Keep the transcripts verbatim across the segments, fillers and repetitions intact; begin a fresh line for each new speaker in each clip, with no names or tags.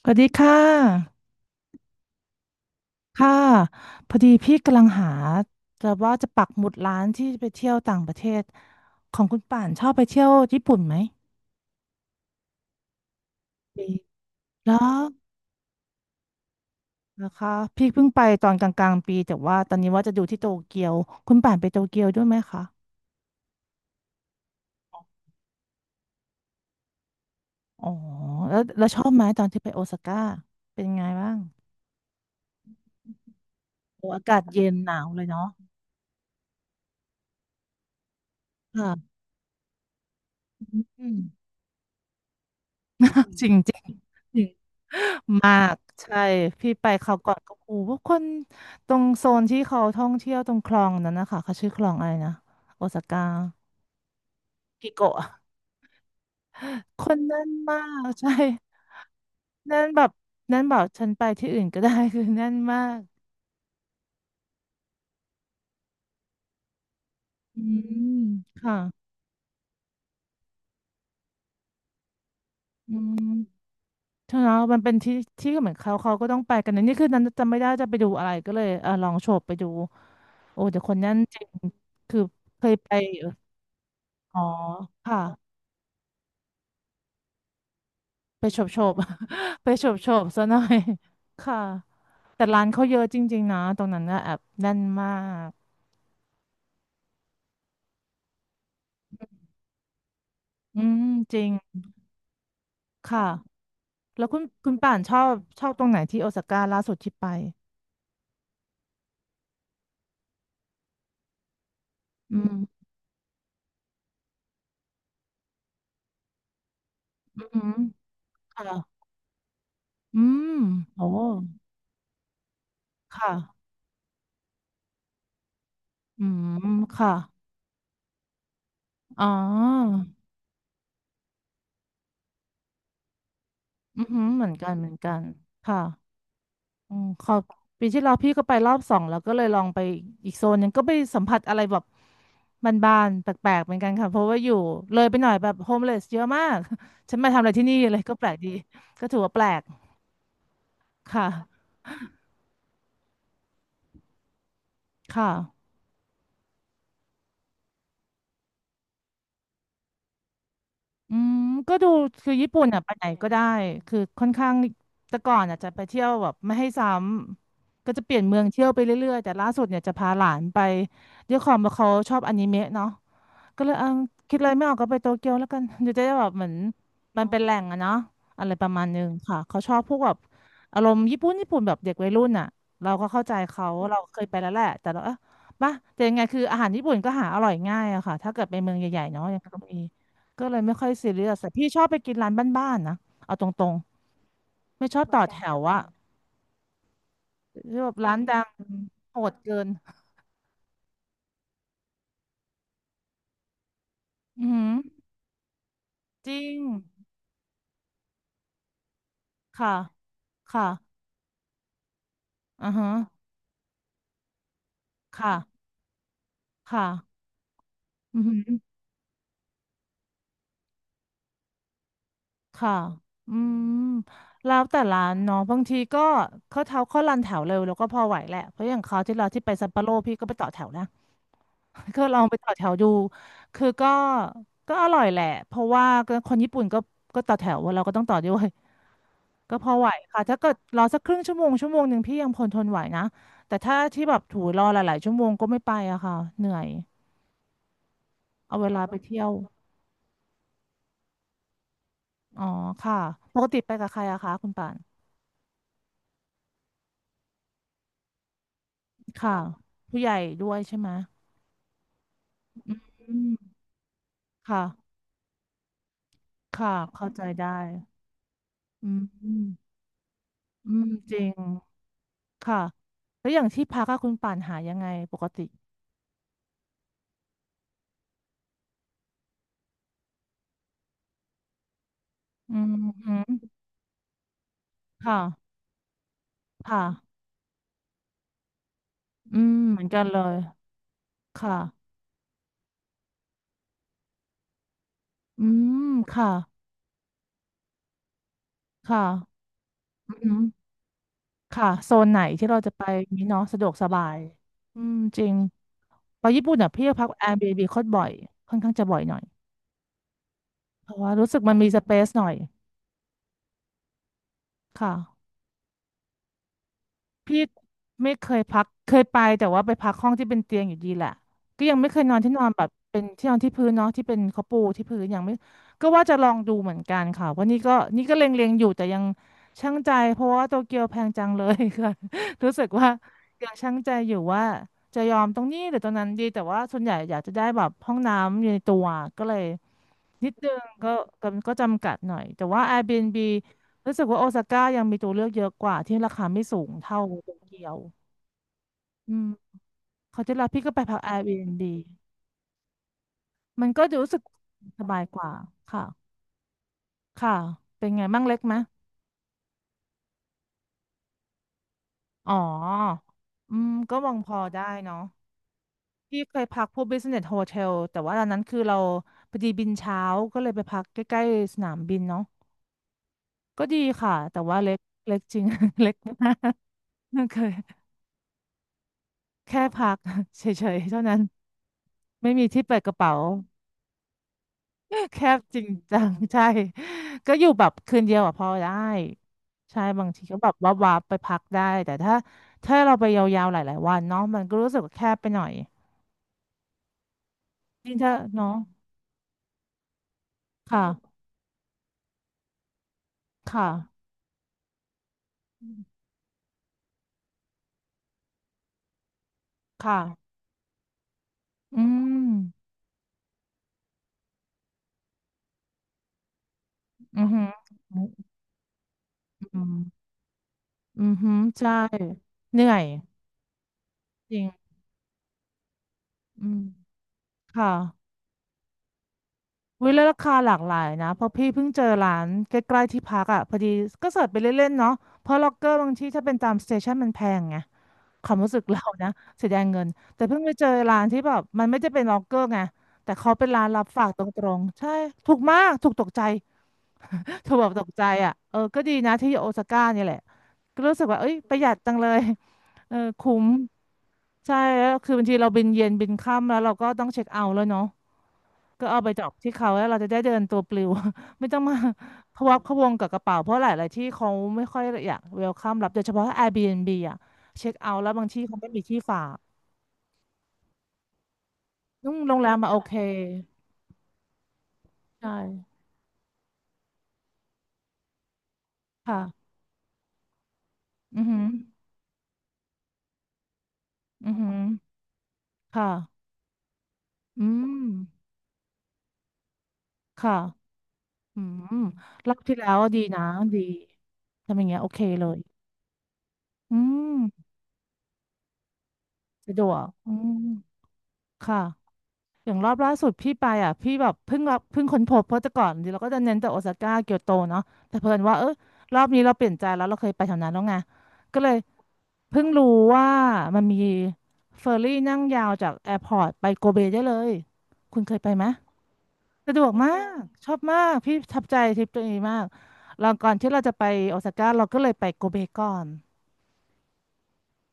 สวัสดีค่ะค่ะพอดีพี่กำลังหาจะว่าจะปักหมุดร้านที่ไปเที่ยวต่างประเทศของคุณป่านชอบไปเที่ยวญี่ปุ่นไหมดีแล้วนะคะพี่เพิ่งไปตอนกลางๆปีแต่ว่าตอนนี้ว่าจะดูที่โตเกียวคุณป่านไปโตเกียวด้วยไหมคะอ๋อแล้วแล้วชอบไหมตอนที่ไปโอซาก้าเป็นไงบ้างโอ้อากาศเย็นหนาวเลยเนาะค่ะอืม จริงจริง มากใช่พี่ไปคราวก่อนก็โอ้โหพวกคนตรงโซนที่เขาท่องเที่ยวตรงคลองนั้นนะคะเขาชื่อคลองอะไรนะโอซาก้ากิโกะคนแน่นมากใช่แน่นแบบแน่นแบบฉันไปที่อื่นก็ได้ คือแน่นมากอืมค่ะอืมใช่แล้วมันเป็นที่ที่เหมือนเขาเขาก็ต้องไปกันนะนี่คือนั้นจำไม่ได้จะไปดูอะไรก็เลยเออลองโฉบไปดูโอ้แต่คนแน่นจริงคือเคยไปอยู่อ๋อค่ะ ไปโฉบโฉบ ไปโฉบโฉบซะหน่อย ค่ะแต่ร้านเขาเยอะจริงๆนะตรงนั้นนะแอบแน่นมากอืมจริงค่ะแล้วคุณคุณป่านชอบชอบตรงไหนที่โอซาก้าล่าสุดที่ไปอืมอืมค่ะอืมโอ้ค่ะอืมค่ะอ๋ออือหือเหมือนกันเหมือนกันค่ะ อืมขอปีที่แล้วพี่ก็ไปรอบสองแล้วก็เลยลองไปอีกโซนหนึงก็ไปสัมผัสอะไรแบบบานๆแปลกๆเหมือนกันค่ะเพราะว่าอยู่เลยไปหน่อยแบบโฮมเลสเยอะมาก ฉันมาทำอะไรที่นี่เลยก็แปลกดีก็ถือว่าแปลกค่ะค่ะอืมก็ดูคือญี่ปุ่นอ่ะไปไหนก็ได้คือค่อนข้างแต่ก่อนอ่ะจะไปเที่ยวแบบไม่ให้ซ้ำก็จะเปลี่ยนเมืองเที่ยวไปเรื่อยๆแต่ล่าสุดเนี่ยจะพาหลานไปด้วยความว่าเขาชอบอนิเมะเนาะ ก็เลยเอาคิดอะไรไม่ออกก็ไปโตเกียวแล้วกันเดี๋ยวจะได้แบบเหมือนมันเป็นแหล่งอะเนาะอะไรประมาณนึงค่ะเขาชอบพวกแบบอารมณ์ญี่ปุ่นญี่ปุ่นแบบเด็กวัยรุ่นอะเราก็เข้าใจเขาเราเคยไปแล้วแหละแต่เราเออป่ะแต่ยังไงคืออาหารญี่ปุ่นก็หาอร่อยง่ายอะค่ะถ้าเกิดไปเมืองใหญ่ๆเนาะยังก็มีก็เลยไม่ค่อยซีเรียสแต่พี่ชอบไปกินร้านบ้านๆนะเอาตรงๆไม่ชอบต่อแถวอะที่แบบร้านดังโหดเกินอือหือจริงค่ะค่ะอือฮะค่ะค่ะ อือหือค่ะอืมแล้วแต่ร้านเนาะบางทีก็เขาเท้าเขารันแถวเร็วแล้วก็พอไหวแหละเพราะอย่างเขาวที่เราที่ไปซัปโปโรพี่ก็ไปต่อแถวนะ ก็ลองไปต่อแถวดูคือก็ก็อร่อยแหละเพราะว่าก็คนญี่ปุ่นก็ก็ต่อแถวเราก็ต้องต่อด้วยก็พอไหวค่ะถ้าเกิดรอสักครึ่งชั่วโมงชั่วโมงหนึ่งพี่ยังพลทนไหวนะแต่ถ้าที่แบบถูรอหลายๆชั่วโมงก็ไม่ไปอะค่ะเหนื่อยเอาเวลาไปเที่ยวอ๋อค่ะปกติไปกับใครอะคะคุณป่าน ค่ะผู้ใหญ่ด้วยใช่ไหมอืมค่ะค่ะเข้าใจได้อืมอืมอืมจริงค่ะแล้วอย่างที่พักอะคุณป่านหายังไงปกติอืมอืมค่ะค่ะอืมเหมือนกันเลยค่ะอืมค่ะค่ะอืมค่ะโซนไหนที่เราจะไปนี้เนาะสะดวกสบายอืมจริงไปญี่ปุ่นอ่ะพี่พัก Airbnb โคตรบ่อยค่อนข้างจะบ่อยหน่อยเพราะว่ารู้สึกมันมีสเปซหน่อยค่ะ พี่ไม่เคยพักเคยไปแต่ว่าไปพักห้องที่เป็นเตียงอยู่ดีแหละก็ยังไม่เคยนอนที่นอนแบบเป็นที่นอนที่พื้นเนาะที่เป็นเขาปูที่พื้นยังไม่ก็ว่าจะลองดูเหมือนกันค่ะว่าะนี่ก็นี่ก็เล็งๆอยู่แต่ยังชั่งใจเพราะว่าโตเกียวแพงจังเลย ค่ะ รู้สึกว่ายังชั่งใจอยู่ว่าจะยอมตรงนี้หรือตรงนั้นดีแต่ว่าส่วนใหญ่อยากจะได้แบบห้องน้ำอยู่ในตัวก็เลยนิดนึงก็ก็ก็จำกัดหน่อยแต่ว่า Airbnb รู้สึกว่าโอซาก้ายังมีตัวเลือกเยอะกว่าที่ราคาไม่สูงเท่าโตเกียว อืมเขาจะรับพี่ก็ไปพัก Airbnb มันก็รู้สึกสบายกว่าค่ะค่ะเป็นไงมั่งเล็กไหมอ๋ออืมก็มองพอได้เนาะพี่เคยพักพวก Business Hotel แต่ว่าตอนนั้นคือเราพอดีบินเช้าก็เลยไปพักใกล้ๆสนามบินเนาะก็ดีค่ะแต่ว่าเล็กเล็กจริง เล็กมาก เคยแค่พัก เฉยๆเท่านั้นไม่มีที่เปิดกระเป๋า แคบจริงจัง ใช่ ก็อยู่แบบคืนเดียวอะพอได้ ใช่บางทีก็แบบวับวับไปพักได้แต่ถ้าถ้าเราไปยาวๆหลายๆวันเนาะมันก็รู้สึกว่าแคบไปหน่อยยิ่งถ้าเนาะค่ะ ค่ะค่ะอืมอือหืออืมอืมออหือใช่เหนื่อยจริงอืมค่ะวิแล้วราคาหลากหลายนะเพราะพี่เพิ่งเจอร้านใกล้ๆที่พักอ่ะพอดีก็เสิร์ชไปเล่นๆเนาะเพราะล็อกเกอร์บางที่ถ้าเป็นตามสเตชันมันแพงไง ความรู้สึกเรานะเสียดายเงินแต่เพิ่งไปเจอร้านที่แบบมันไม่ได้เป็นล็อกเกอร์ไงแต่เขาเป็นร้านรับฝากตรงๆใช่ถูกมากถูกตกใจถูกแบบตกใจอ่ะเออก็ดีนะที่โอซาก้าเนี่ยแหละก็รู้สึกว่าเอ้ยประหยัดจังเลยเออคุ้มใช่แล้วคือบางทีเราบินเย็นบินค่ำแล้วเราก็ต้องเช็คเอาท์แล้วเนาะ ก็เอาไปดรอปที่เขาแล้วเราจะได้เดินตัวปลิว ไม่ต้องมา พะวักพะวงกับกระเป๋าเพราะหลายๆที่เขาไม่ค่อยอยากเวลคัมรับโดยเฉพาะ Airbnb อ่ะเช็คเอาท์แล้วบางที่เขาไม่มีที่ฝากนุ่งโรงแรมมาโอเคใช่ค่ะอือหืออือหือค่ะอืมค่ะอืมรอบที่แล้วดีนะดีทำอย่างเงี้ยโอเคเลยอืมสะดวกอืมค่ะ อย่างรอบล่าสุดพี่ไปอ่ะพี่แบบเพิ่งรับเพิ่งค้นพบเพราะแต่ก่อนเราก็จะเน้นแต่โอซาก้าเกียวโตเนาะแต่เพิ่นว่าเออรอบนี้เราเปลี่ยนใจแล้วเราเคยไปแถวนั้นแล้วไงก็เลยเพิ่งรู้ว่ามันมีเฟอร์รี่นั่งยาวจากแอร์พอร์ตไปโกเบได้เลยคุณเคยไปไหมสะดวกมากชอบมากพี่ประทับใจทริปตัวเองมากแล้วก่อนที่เราจะไปโอซาก้าเราก็เลยไปโกเบก่อน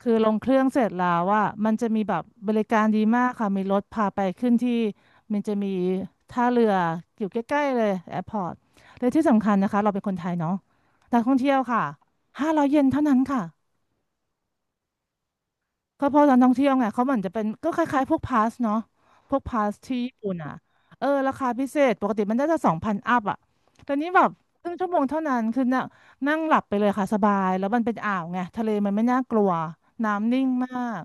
คือลงเครื่องเสร็จแล้วว่ามันจะมีแบบบริการดีมากค่ะมีรถพาไปขึ้นที่มันจะมีท่าเรืออยู่ใกล้ๆเลยแอร์พอร์ตและที่สำคัญนะคะเราเป็นคนไทยเนาะนักท่องเที่ยวค่ะห้าร้อยเยนเท่านั้นค่ะ ก็เพราะตอนท่องเที่ยวไงเขาเหมือนจะเป็นก็คล้ายๆพวกพาสเนาะพวกพาสที่ญี่ปุ่นอ่ะเออราคาพิเศษปกติมันน่าจะสองพันอัพอ่ะแต่นี้แบบครึ่งชั่วโมงเท่านั้นคือนั่งนั่งหลับไปเลยค่ะสบายแล้วมันเป็นอ่าวไงทะเลมันไม่น่ากลัวน้ำนิ่งมาก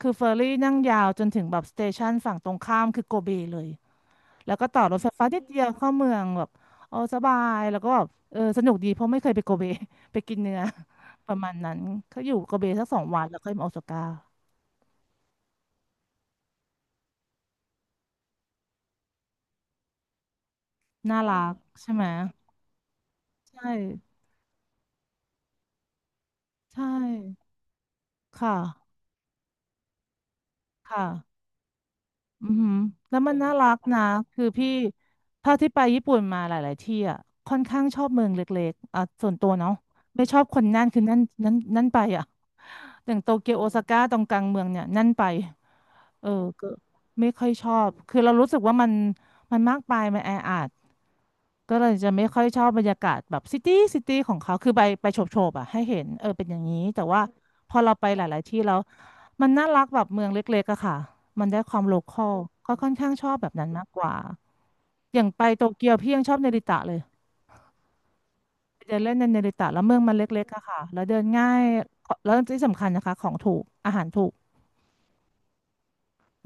คือเฟอร์รี่นั่งยาวจนถึงแบบสเตชันฝั่งตรงข้ามคือโกเบเลยแล้วก็ต่อรถไฟฟ้านิดเดียวเข้าเมืองแบบเออสบายแล้วก็แบบเออสนุกดีเพราะไม่เคยไปโกเบ ไปกินเนื้อ ประมาณนั้นเขาอยู่โกเบสักสองวันแล้วค่อยมาโอซาก้า น่ารักใช่ไหมใช่ใช่ค่ะค่ะ อือหือแล้วมันน่ารักนะคือพี่เท่าที่ไปญี่ปุ่นมาหลาย ๆ ที่อ่ะค่อนข้างชอบเมืองเล็กๆอ่ะส่วนตัวเนาะไม่ชอบคนแน่นคือแนั่นแนั่นแนั่นไปอ่ะอย่างโตเกียวโอซาก้าตรงกลางเมืองเนี่ยแนั่นไปเออก็ไม่ค่อยชอบคือเรารู้สึกว่ามันมันมากไปมันแออัดก็เลยจะไม่ค่อยชอบบรรยากาศแบบซิตี้ซิตี้ของเขาคือไปไปโฉบๆอ่ะให้เห็นเออเป็นอย่างนี้แต่ว่าพอเราไปหลายๆที่แล้ว มันน่ารักแบบเมืองเล็กๆอะค่ะ มันได้ความโลคอลก็ค่อนข้างชอบแบบนั้นมากกว่า อย่างไปโตเกียวพี่ยังชอบเนริตะเลยไปเดินเล่นในเนริตะแล้วเมืองมันเล็กๆอะค่ะแล้วเดินง่ายแล้วที่สำคัญนะคะของถูกอาหารถูก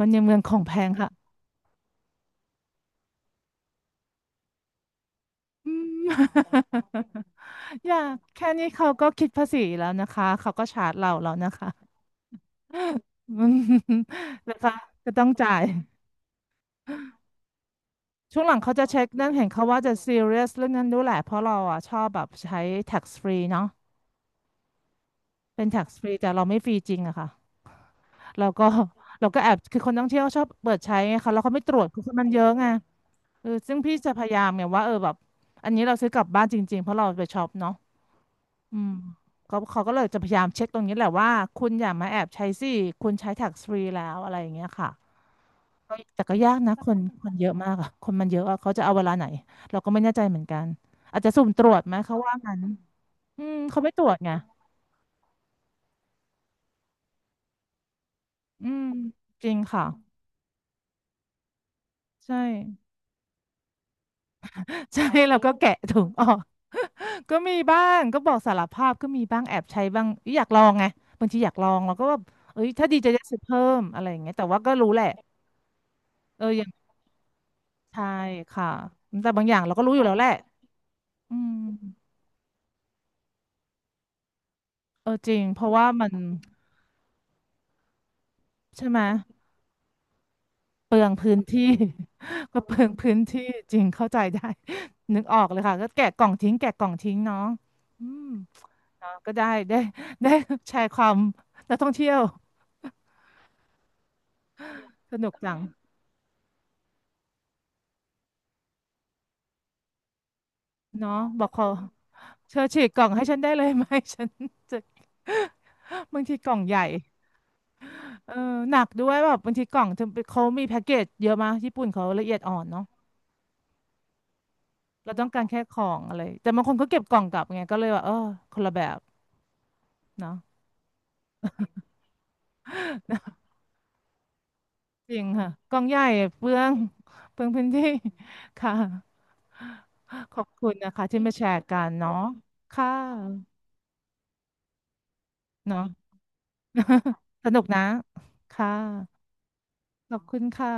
มันยังเมืองของแพงค่ะ อืม อย่าแค่นี้เขาก็คิดภาษีแล้วนะคะเขาก็ชาร์จเราแล้วนะคะ อืมนะคะจะต้องจ่ายช่วงหลังเขาจะเช็คนั่นเห็นเขาว่าจะซีเรียสเรื่องนั้นด้วยแหละเพราะเราอ่ะชอบแบบใช้ tax free เนาะ เป็น tax free แต่เราไม่ฟรีจริงอะค่ะเราก็ เราก็แอบคือคนท่องเที่ยวชอบเปิดใช้ไงคะแล้วเขาไม่ตรวจคือคนมันเยอะไงเออซึ่งพี่จะพยายามไงว่าเออแบบอันนี้เราซื้อกลับบ้านจริงๆเพราะเราไปช็อปเนาะอืมเขาเขาก็เลยจะพยายามเช็คตรงนี้แหละว่าคุณอย่ามาแอบใช้สิคุณใช้ tax free แล้วอะไรอย่างเงี้ยค่ะก็แต่ก็ยากนะคนคนเยอะมากอะคนมันเยอะอะเขาจะเอาเวลาไหนเราก็ไม่แน่ใจเหมือนกันอาจจะสุ่มตรวจไหมเขาว่างั้นอืมเขาไม่ตรวจไงอืมจริงค่ะใช่ ใช่ แล้วก็แกะถุงออก ก็มีบ้างก็บอกสารภาพก็มีบ้างแอบใช้บ้างอยากลองไงบางทีอยากลองเราก็แบบเอ้ยถ้าดีจะจะซื้อเพิ่มอะไรอย่างเงี้ยแต่ว่าก็รู้แหละเออยังใช่ค่ะแต่บางอย่างเราก็รู้อยู่แล้วแหละอืมเออจริงเพราะว่ามันใช่ไหมเปลืองพื้นที่ ก็เปลืองพื้นที่จริงเข้าใจได้ นึกออกเลยค่ะก็แกะกล่องทิ้งแกะกล่องทิ้งเนาะอืมเนาะก็ได้ได้ได้แชร์ความนักท่องเที่ยวสนุกจัง เนาะบอกขอเธอฉีกกล่องให้ฉันได้เลยไหม ฉัน จะบางทีกล่องใหญ่เออหนักด้วยแบบบางทีกล่องเธอไปเขามีแพ็กเกจเยอะมากญี่ปุ่นเขาละเอียดอ่อนเนาะเราต้องการแค่ของอะไรแต่บางคนเขาเก็บกล่องกลับไงก็เลยว่าเออคนละแบบเนาะจริงค่ะกล่องใหญ่เปลือง เปลืองพื้นที่ ค่ะขอบคุณนะคะที่มาแชร์กันเนาะค่ะเนาะ สนุกนะค่ะขอบคุณค่ะ